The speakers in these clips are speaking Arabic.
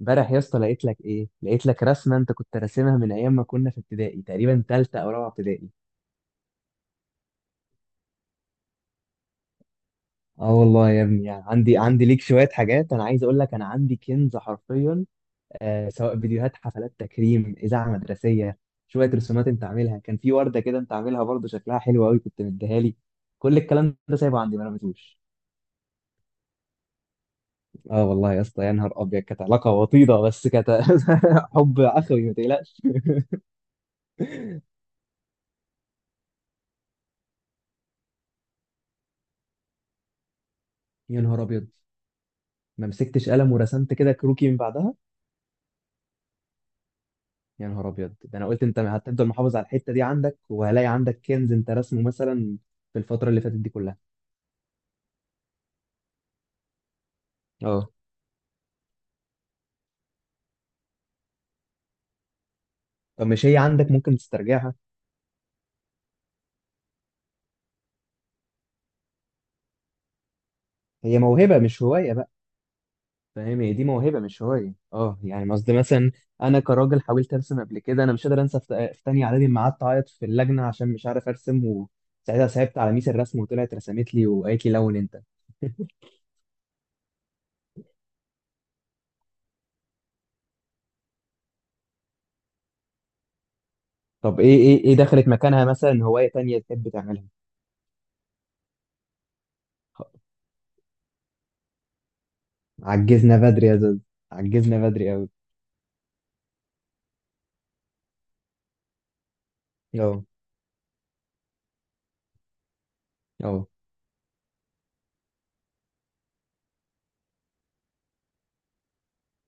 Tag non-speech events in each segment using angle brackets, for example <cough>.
امبارح يا اسطى لقيت لك ايه لقيت لك رسمه انت كنت راسمها من ايام ما كنا في ابتدائي تقريبا ثالثه او رابعه ابتدائي. اه والله يا ابني، يعني عندي ليك شويه حاجات، انا عايز اقول لك انا عندي كنز حرفيا. آه، سواء فيديوهات، حفلات تكريم، اذاعه مدرسيه، شويه رسومات انت عاملها. كان في ورده كده انت عاملها برضه شكلها حلو قوي كنت مديها لي. كل الكلام ده سايبه عندي ما رميتوش. اه والله يا اسطى، يا نهار ابيض، كانت علاقه وطيده بس كانت <laughs> حب اخوي ما تقلقش. يا نهار ابيض، ما مسكتش قلم ورسمت كده كروكي من بعدها. يا نهار ابيض، ده انا قلت انت هتفضل محافظ على الحته دي عندك وهلاقي عندك كنز انت رسمه مثلا في الفتره اللي فاتت دي كلها. اه، طب مش هي عندك، ممكن تسترجعها؟ هي موهبه مش هوايه بقى. فاهم، هي دي موهبه مش هوايه، اه يعني قصدي مثلا انا كراجل حاولت ارسم قبل كده، انا مش قادر انسى في تانية اعدادي لما قعدت اعيط في اللجنه عشان مش عارف ارسم، وساعتها صعبت على ميس الرسم وطلعت رسمت لي وقالت لي لون انت. طب ايه ايه ايه دخلت مكانها، مثلا هوايه تانية تحب تعملها؟ عجزنا بدري يا زوز، عجزنا بدري قوي. اه اه.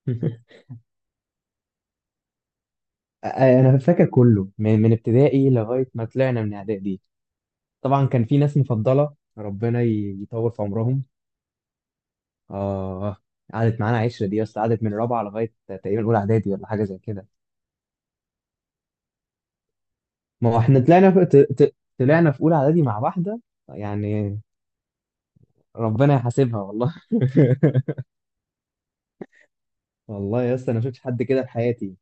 <laughs> انا فاكر كله من ابتدائي لغايه ما طلعنا من اعدادي. طبعا كان في ناس مفضله ربنا يطول في عمرهم. اه، قعدت معانا عشره دي، بس قعدت من رابعه لغايه تقريبا اولى اعدادي ولا حاجه زي كده. ما هو احنا طلعنا في طلعنا في اولى اعدادي مع واحده يعني، ربنا يحاسبها والله. <laughs> والله يا اسطى انا ما شفتش حد كده في حياتي.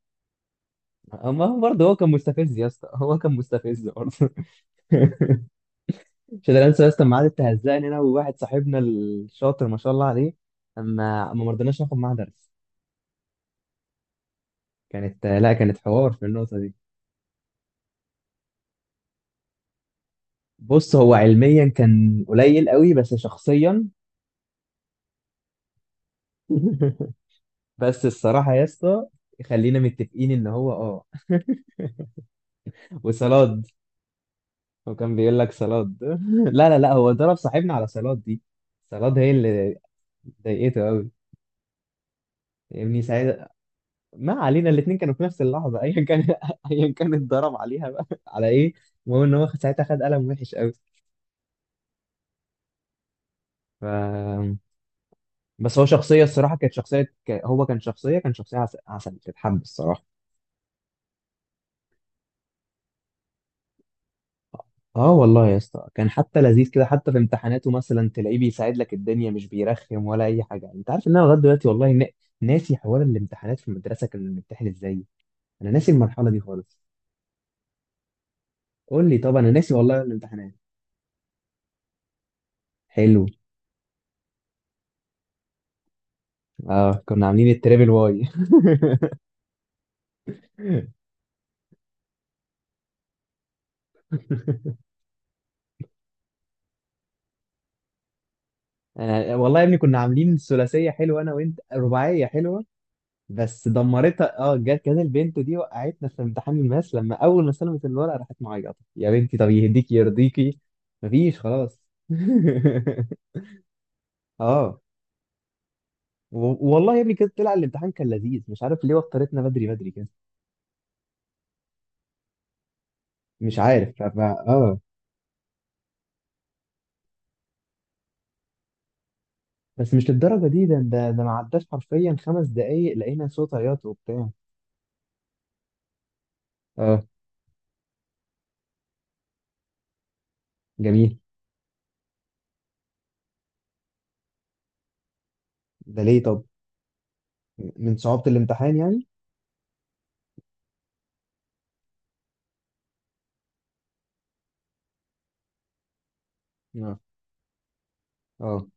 اما هو برضه، هو كان مستفز يا اسطى، هو كان مستفز برضه. <laughs> مش قادر انسى يا اسطى الميعاد اللي هزقني انا وواحد صاحبنا الشاطر ما شاء الله عليه، اما ما مرضناش ناخد معاه درس. كانت، لا كانت حوار في النقطه دي. بص، هو علميا كان قليل قوي، بس شخصيا… <laughs> بس الصراحه يا اسطى، خلينا متفقين ان هو اه. وصلاد، هو كان بيقول لك صلاد. <laughs> لا لا لا، هو ضرب صاحبنا على صلاد دي. صلاد هي اللي ضايقته قوي، فاهمني ساعتها. ما علينا، الاثنين كانوا في نفس اللحظه، ايا كان. <laughs> ايا كان اتضرب عليها بقى على ايه. المهم ان هو ساعتها خد قلم وحش قوي. ف... بس هو شخصيه الصراحه كانت هو كان شخصيه عسل، عسل تتحب الصراحه. اه والله يا اسطى كان حتى لذيذ كده، حتى في امتحاناته مثلا تلاقيه بيساعد لك الدنيا، مش بيرخم ولا اي حاجه. انت عارف ان انا لغايه دلوقتي والله ناسي حوار الامتحانات في المدرسه، كنا بنمتحن ازاي؟ انا ناسي المرحله دي خالص. قول لي، طب انا ناسي والله الامتحانات. حلو. اه كنا عاملين التريبل واي. <laughs> أنا والله يا ابني كنا عاملين ثلاثية حلوة، أنا وأنت رباعية حلوة. بس دمرتها، اه، جت كانت البنت دي وقعتنا في امتحان الماس. لما أول ما سلمت الورقة راحت معيطة، يا بنتي طب يهديكي يرضيكي. مفيش خلاص. <laughs> اه، والله يا ابني كده طلع الامتحان كان لذيذ، مش عارف ليه وترتنا بدري بدري كده. مش عارف بس مش للدرجة دي، ده ما عداش حرفيا خمس دقايق لقينا صوت عياط وبتاع. اه. جميل. ده ليه طب، من صعوبة الامتحان؟ يعني اه.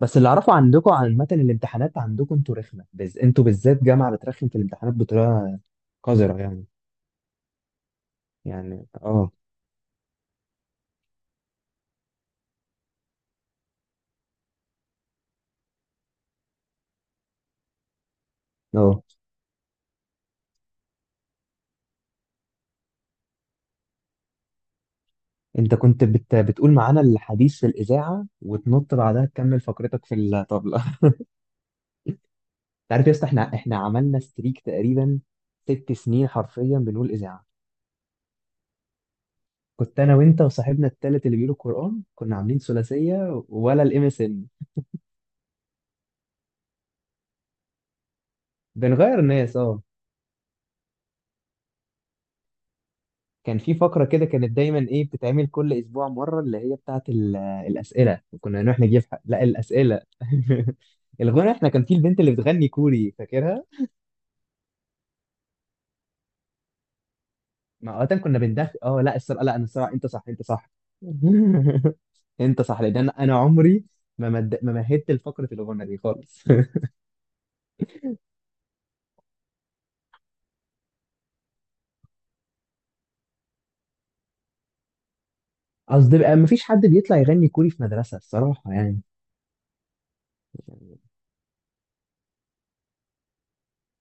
بس اللي اعرفه عندكم عامه الامتحانات، عندكم انتوا رخمه انتوا بالذات جامعه بترخم في الامتحانات بطريقه قذره يعني. يعني اه. اه، انت بتقول معانا الحديث في الاذاعه وتنط بعدها تكمل فقرتك في الطبله. <laughs> انت عارف يا اسطى، احنا عملنا ستريك تقريبا ست سنين حرفيا بنقول اذاعه. كنت انا وانت وصاحبنا التالت اللي بيقولوا القران، كنا عاملين ثلاثيه ولا الام اس ان. بنغير ناس اه. كان في فقرة كده كانت دايما ايه بتتعمل كل اسبوع مرة، اللي هي بتاعت الاسئلة، وكنا نروح نجيب حق، لا الاسئلة. <laughs> الغنى، احنا كان في البنت اللي بتغني كوري فاكرها؟ ما اوقات كنا بندخل، اه لا الصراحة، لا انا الصراحة انت صح انت صح. <laughs> انت صح، لان انا أنا عمري ما مهدت لفقرة الغنى دي خالص. <laughs> قصدي بقى، ما فيش حد بيطلع يغني كوري في مدرسة الصراحة يعني.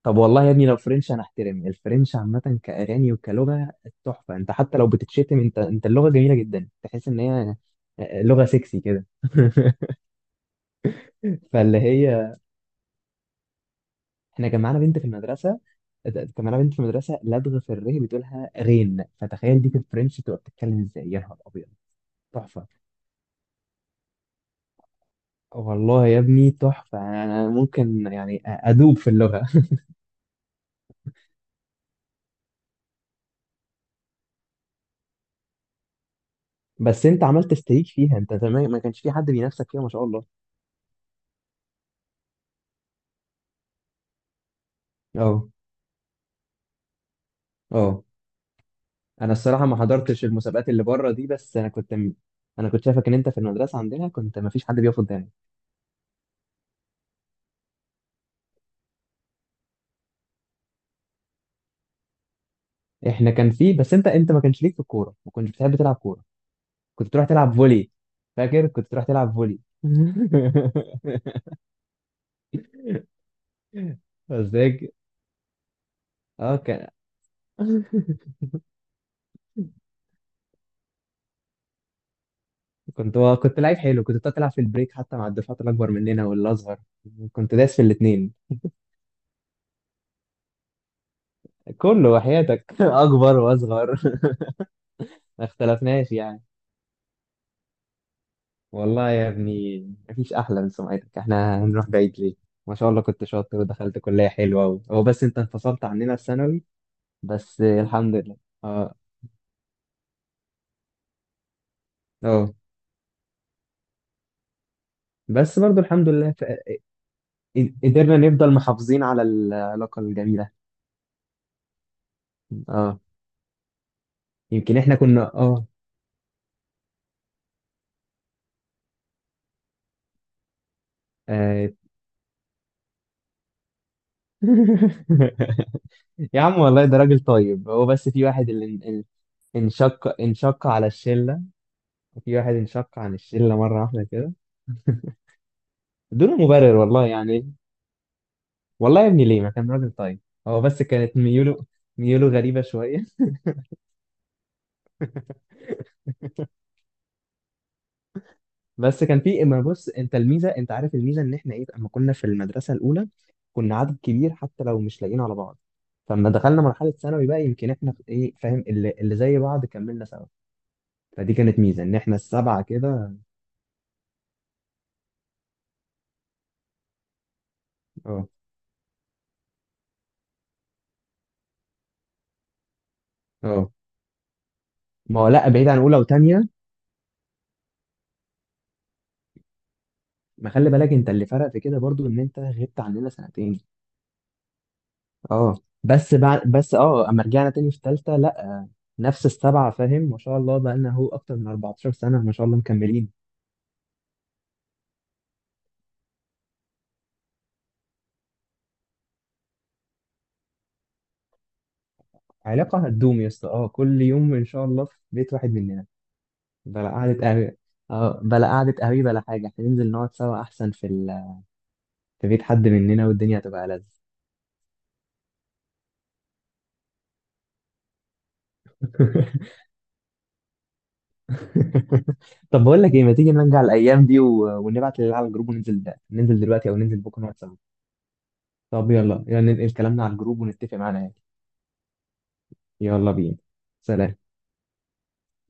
طب والله يا ابني لو فرنش هنحترم الفرنش عامة كأغاني وكلغة، تحفة. انت حتى لو بتتشتم انت، اللغة جميلة جدا، تحس ان هي آه. لغة سكسي كده. <laughs> فاللي هي… احنا كان معانا بنت في المدرسة، كان معانا بنت في المدرسة لدغة في الره بتقولها غين، فتخيل دي في الفرنش تبقى بتتكلم ازاي، يا نهار ابيض. تحفة، والله يا ابني تحفة. انا ممكن يعني ادوب في اللغة. <laughs> بس انت عملت استريك فيها انت زمان، ما كانش في حد بينافسك فيها ما شاء الله. اه اه. انا الصراحه ما حضرتش المسابقات اللي بره دي، بس انا انا كنت شايفك ان انت في المدرسه عندنا كنت ما فيش حد بيقف قدامك. احنا كان في بس انت، ما كانش ليك في الكوره، ما كنتش بتحب تلعب كوره. كنت تروح تلعب فولي، فاكر كنت تروح تلعب فولي. <laughs> بس هيك. اه كان… <laughs> كنت كنت لعيب حلو، كنت بتعرف تلعب في البريك حتى مع الدفعات الاكبر مننا والاصغر، كنت داس في الاثنين كله وحياتك. <laughs> اكبر واصغر. <laughs> ما اختلفناش يعني. والله يا ابني، مفيش أحلى من سمعتك، احنا هنروح بعيد ليه؟ ما شاء الله كنت شاطر ودخلت كلية حلوة و… هو بس انت انفصلت عننا في ثانوي. بس الحمد لله. اه. اه. بس برضو الحمد لله ف… قدرنا نفضل محافظين على العلاقة الجميلة. اه. يمكن احنا كنا اه. آه. <laughs> يا عم والله ده راجل طيب، هو بس في واحد اللي انشق على الشلة. وفي واحد انشق عن الشلة مرة واحدة كده بدون مبرر والله يعني. والله يا ابني ليه؟ ما كان راجل طيب. هو بس كانت ميوله، ميوله غريبة شوية. <laughs> بس كان في، اما بص انت الميزة، انت عارف الميزة ان احنا ايه، اما كنا في المدرسة الاولى كنا عدد كبير حتى لو مش لاقيين على بعض، فلما دخلنا مرحلة ثانوي بقى، يمكن احنا ايه فاهم اللي زي بعض كملنا سوا. فدي كانت ميزة ان احنا السبعة كده. اه. اه. ما هو لا، بعيد عن اولى وتانية. ما خلي بالك انت اللي فرق في كده برضو ان انت غبت عننا سنتين. اه، بس بعد، بس اه اما رجعنا تاني في تالتة لا، نفس السبعة فاهم. ما شاء الله بقى لنا هو اكتر من 14 سنة ما شاء الله مكملين. علاقة هتدوم يا اسطى، اه كل يوم ان شاء الله في بيت واحد مننا. بلا قعدة قهوة، اه بلا قعدة قهوة بلا حاجة، احنا ننزل نقعد سوا احسن في ال… في بيت حد مننا، والدنيا هتبقى ألذ. <laughs> طب بقول لك ايه، ما تيجي نرجع الايام دي و… ونبعت للعيال على الجروب وننزل ده. ننزل دلوقتي او ننزل بكره نقعد سوا. طب يلا يلا ننقل كلامنا على الجروب ونتفق معانا يعني. يلا بينا. سلام.